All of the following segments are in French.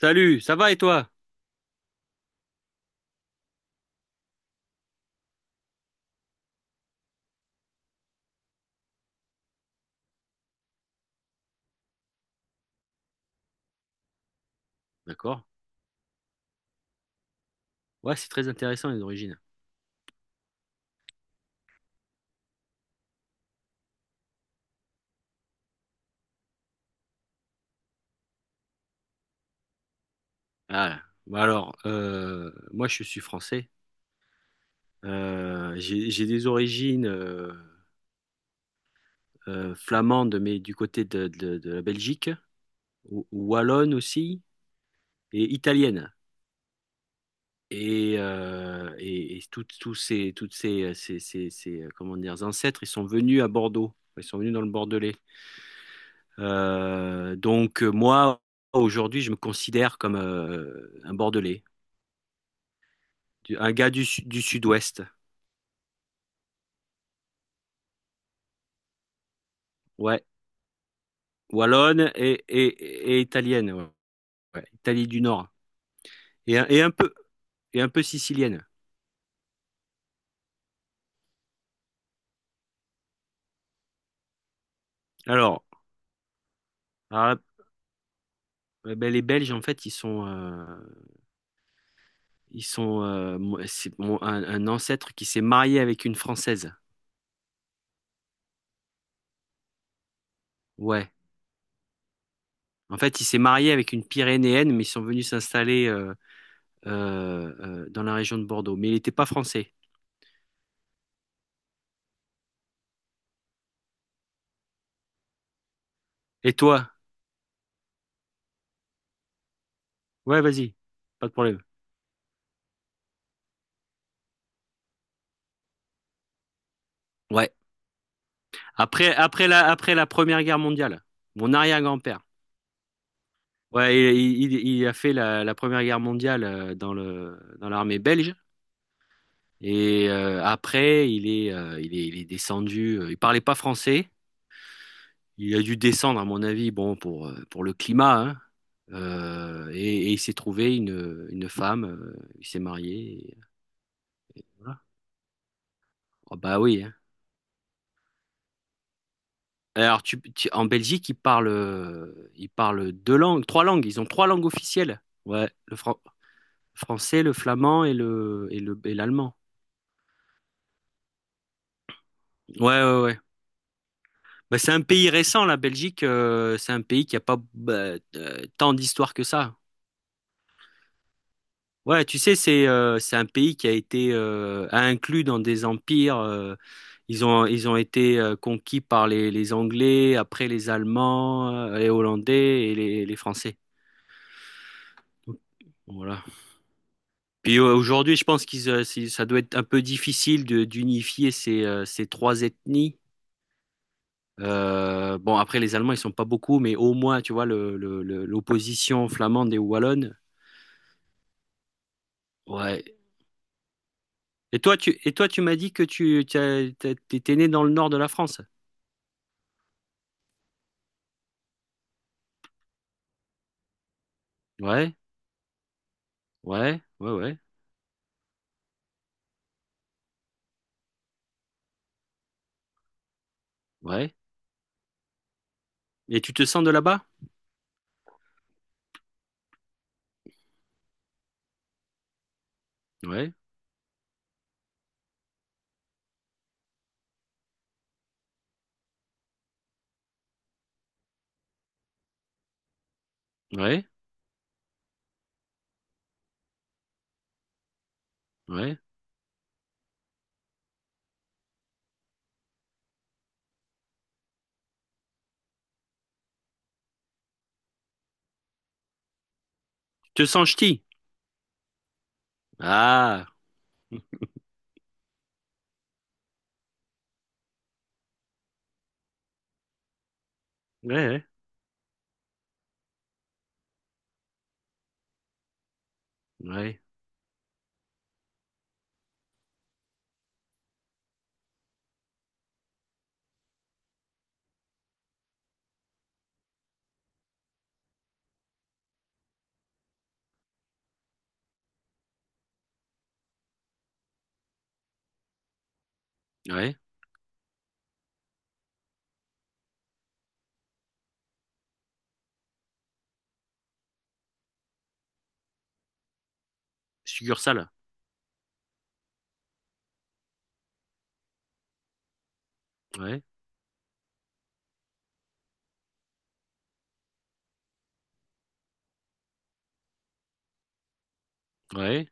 Salut, ça va et toi? D'accord. Ouais, c'est très intéressant les origines. Ah, bah alors, moi je suis français. J'ai des origines flamandes, mais du côté de la Belgique, ou wallonne aussi, et italienne. Et, et tous ces comment dire, ancêtres, ils sont venus à Bordeaux. Ils sont venus dans le Bordelais. Donc moi, aujourd'hui, je me considère comme un Bordelais. Un gars du sud-ouest. Ouais. Wallonne et italienne. Ouais. Ouais. Italie du Nord. Et, un- et un peu, et un peu sicilienne. Alors, ah, eh ben, les Belges, en fait, ils sont c'est un ancêtre qui s'est marié avec une Française. Ouais. En fait, il s'est marié avec une Pyrénéenne, mais ils sont venus s'installer dans la région de Bordeaux. Mais il n'était pas français. Et toi? Ouais, vas-y. Pas de problème. Ouais. Après la Première Guerre mondiale, mon arrière-grand-père. Ouais, il a fait la Première Guerre mondiale dans dans l'armée belge. Après, il est descendu. Il parlait pas français. Il a dû descendre, à mon avis, bon, pour, pour le climat, hein. Et il s'est trouvé une femme. Il s'est marié. Et voilà. Oh, bah oui, hein. Alors, en Belgique, ils parlent, ils parlent deux langues, trois langues. Ils ont trois langues officielles. Ouais, français, le flamand et l'allemand. Ouais, ouais, ouais. Bah, c'est un pays récent, la Belgique. C'est un pays qui a pas tant d'histoire que ça. Ouais, tu sais, c'est un pays qui a été inclus dans des empires. Ils ont été conquis par les Anglais, après les Allemands, les Hollandais et les Français. Voilà. Puis aujourd'hui, je pense qu'ils ça doit être un peu difficile de d'unifier ces ces trois ethnies. Bon, après, les Allemands, ils sont pas beaucoup, mais au moins, tu vois, l'opposition flamande et wallonne. Ouais. Et toi, tu m'as dit que t'étais né dans le nord de la France. Ouais, ouais, ouais, ouais, ouais. Et tu te sens de là-bas? Ouais, ouais, ouais. Tu te sens ch'ti? Ah, ouais, ouais, ouais, ouais. Succursale. Ouais, ouais.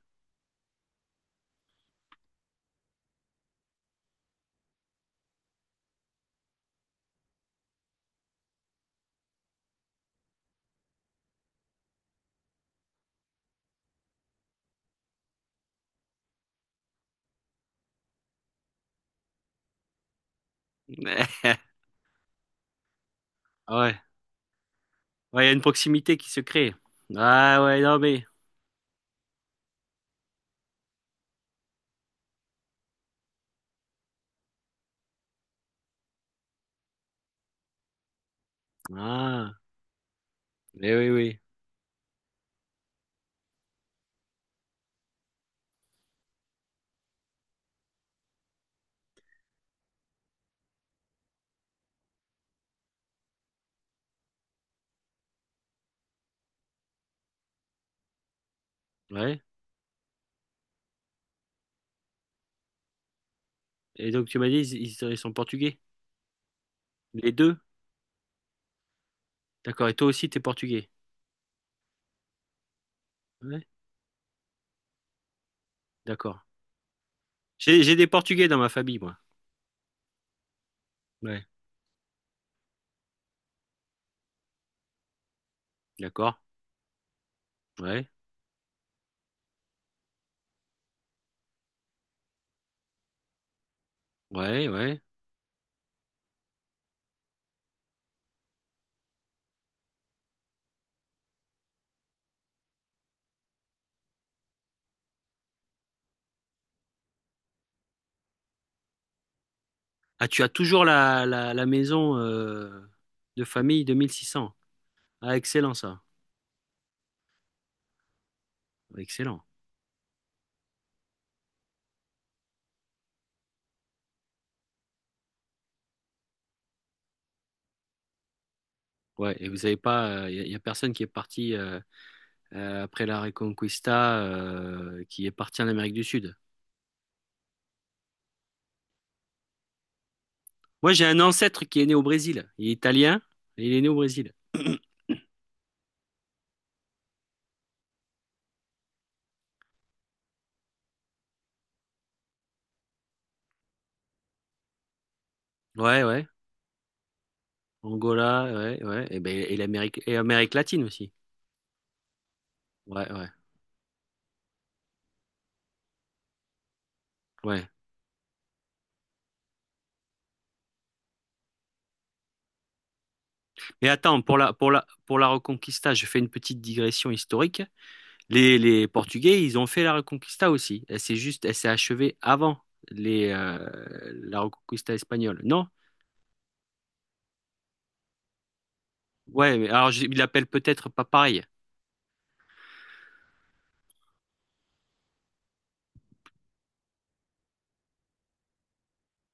Ouais, ouais, il y a une proximité qui se crée. Ah, ouais, non, mais. Ah, mais oui, oui, ouais. Et donc tu m'as dit, ils sont portugais. Les deux? D'accord. Et toi aussi, t'es portugais. Ouais. D'accord. J'ai des portugais dans ma famille, moi. Ouais. D'accord. Ouais. Ouais, ouais. Ah, tu as toujours la maison de famille 2600. Ah, excellent ça. Excellent. Ouais. Et vous n'avez pas, il y a personne qui est parti après la Reconquista, qui est parti en Amérique du Sud. Moi, j'ai un ancêtre qui est né au Brésil. Il est italien et il est né au Brésil. Ouais, ouais. Angola, ouais, ouais. Et, ben, et l'Amérique, et Amérique latine aussi. Ouais, ouais, ouais. Mais attends, pour la Reconquista, je fais une petite digression historique. Les Portugais, ils ont fait la Reconquista aussi. Elle s'est achevée avant les, euh, la Reconquista espagnole. Non? Ouais, mais alors, ils l'appellent peut-être pas pareil.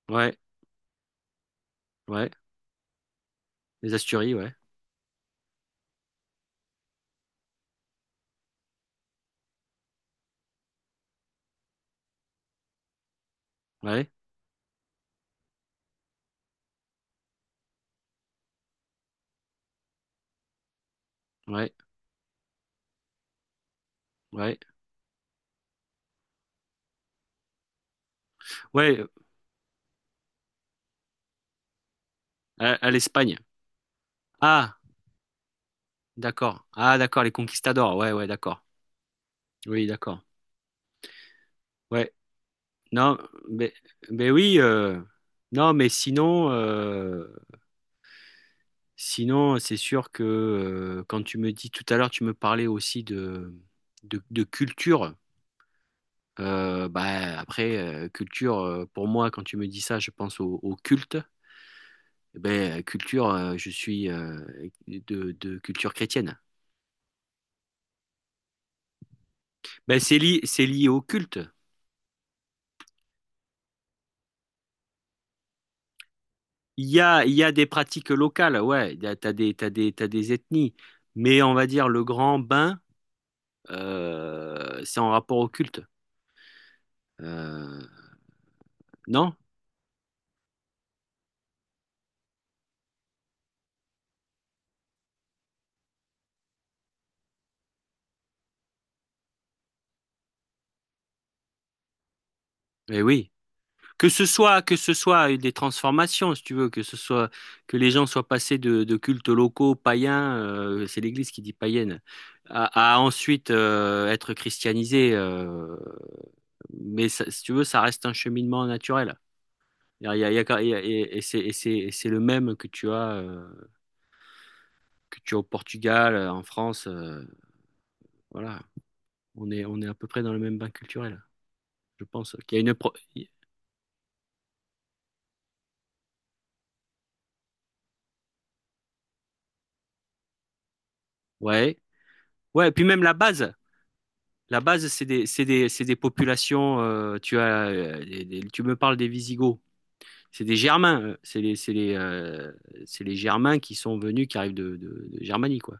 Ouais, ouais. Les Asturies, ouais. Ouais, ouais, ouais. Ouais, à l'Espagne. Ah, d'accord. Ah, d'accord, les conquistadors. Ouais, ouais, d'accord. Oui, d'accord. Ouais. Non, mais, mais oui, non, mais sinon, c'est sûr que quand tu me dis tout à l'heure, tu me parlais aussi de culture. Bah, après, culture, pour moi, quand tu me dis ça, je pense au culte. Eh ben, culture, je suis de culture chrétienne. Ben, c'est lié au culte. Il y a des pratiques locales, ouais, t'as des ethnies. Mais on va dire le grand bain. C'est en rapport au culte. Euh, non? Eh oui. Que ce soit des transformations, si tu veux, que ce soit que les gens soient passés de cultes locaux païens, c'est l'Église qui dit païenne, à ensuite être christianisés. Mais si tu veux, ça reste un cheminement naturel. Et c'est le même que tu as au Portugal, en France. Voilà, on est à peu près dans le même bain culturel. Je pense qu'il y a une pro- Ouais. Ouais, et puis même la base. La base, c'est des populations. Tu me parles des Visigoths. C'est des Germains. C'est les Germains qui sont venus, qui arrivent de Germanie, quoi.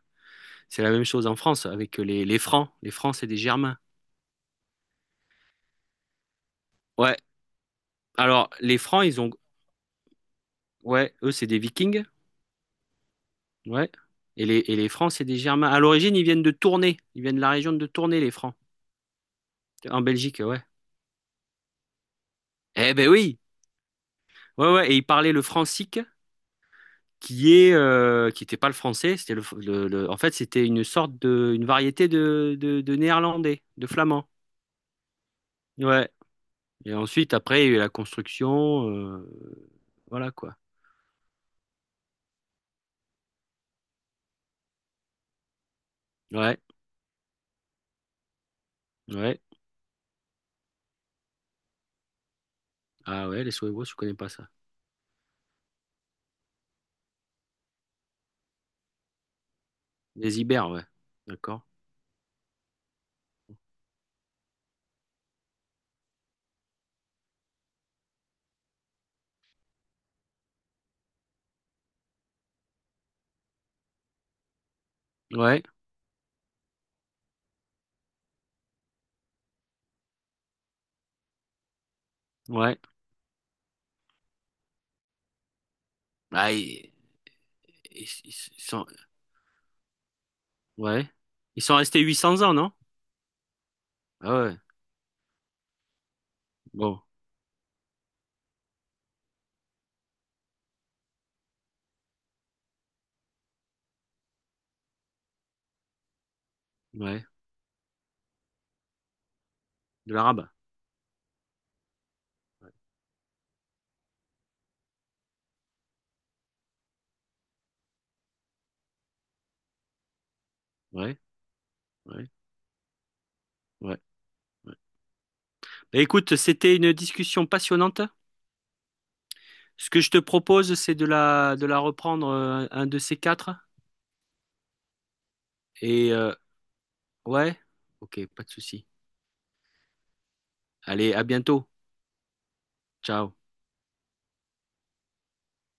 C'est la même chose en France avec les Francs. Les Francs, c'est des Germains. Ouais. Alors, les Francs, ils ont. Ouais, eux, c'est des Vikings. Ouais. Et les Francs, c'est des Germains. À l'origine, ils viennent de Tournai. Ils viennent de la région de Tournai, les Francs. En Belgique, ouais. Eh ben oui! Ouais, ouais, et ils parlaient le francique qui est qui n'était pas le français, c'était en fait c'était une sorte de une variété de néerlandais, de flamand. Ouais. Et ensuite après il y a eu la construction, voilà quoi. Ouais, ouais. Ah ouais, les Suédois, je connais pas ça. Les Ibères, ouais. D'accord. Ouais, ouais. Ah, ils sont, ouais. Ils sont restés 800 ans, non? Ah ouais. Bon, ouais. De l'arabe. Ouais, ouais, ouais. Ouais. Bah, écoute, c'était une discussion passionnante. Ce que je te propose, c'est de la reprendre un de ces quatre. Et euh, ouais, ok, pas de souci. Allez, à bientôt. Ciao.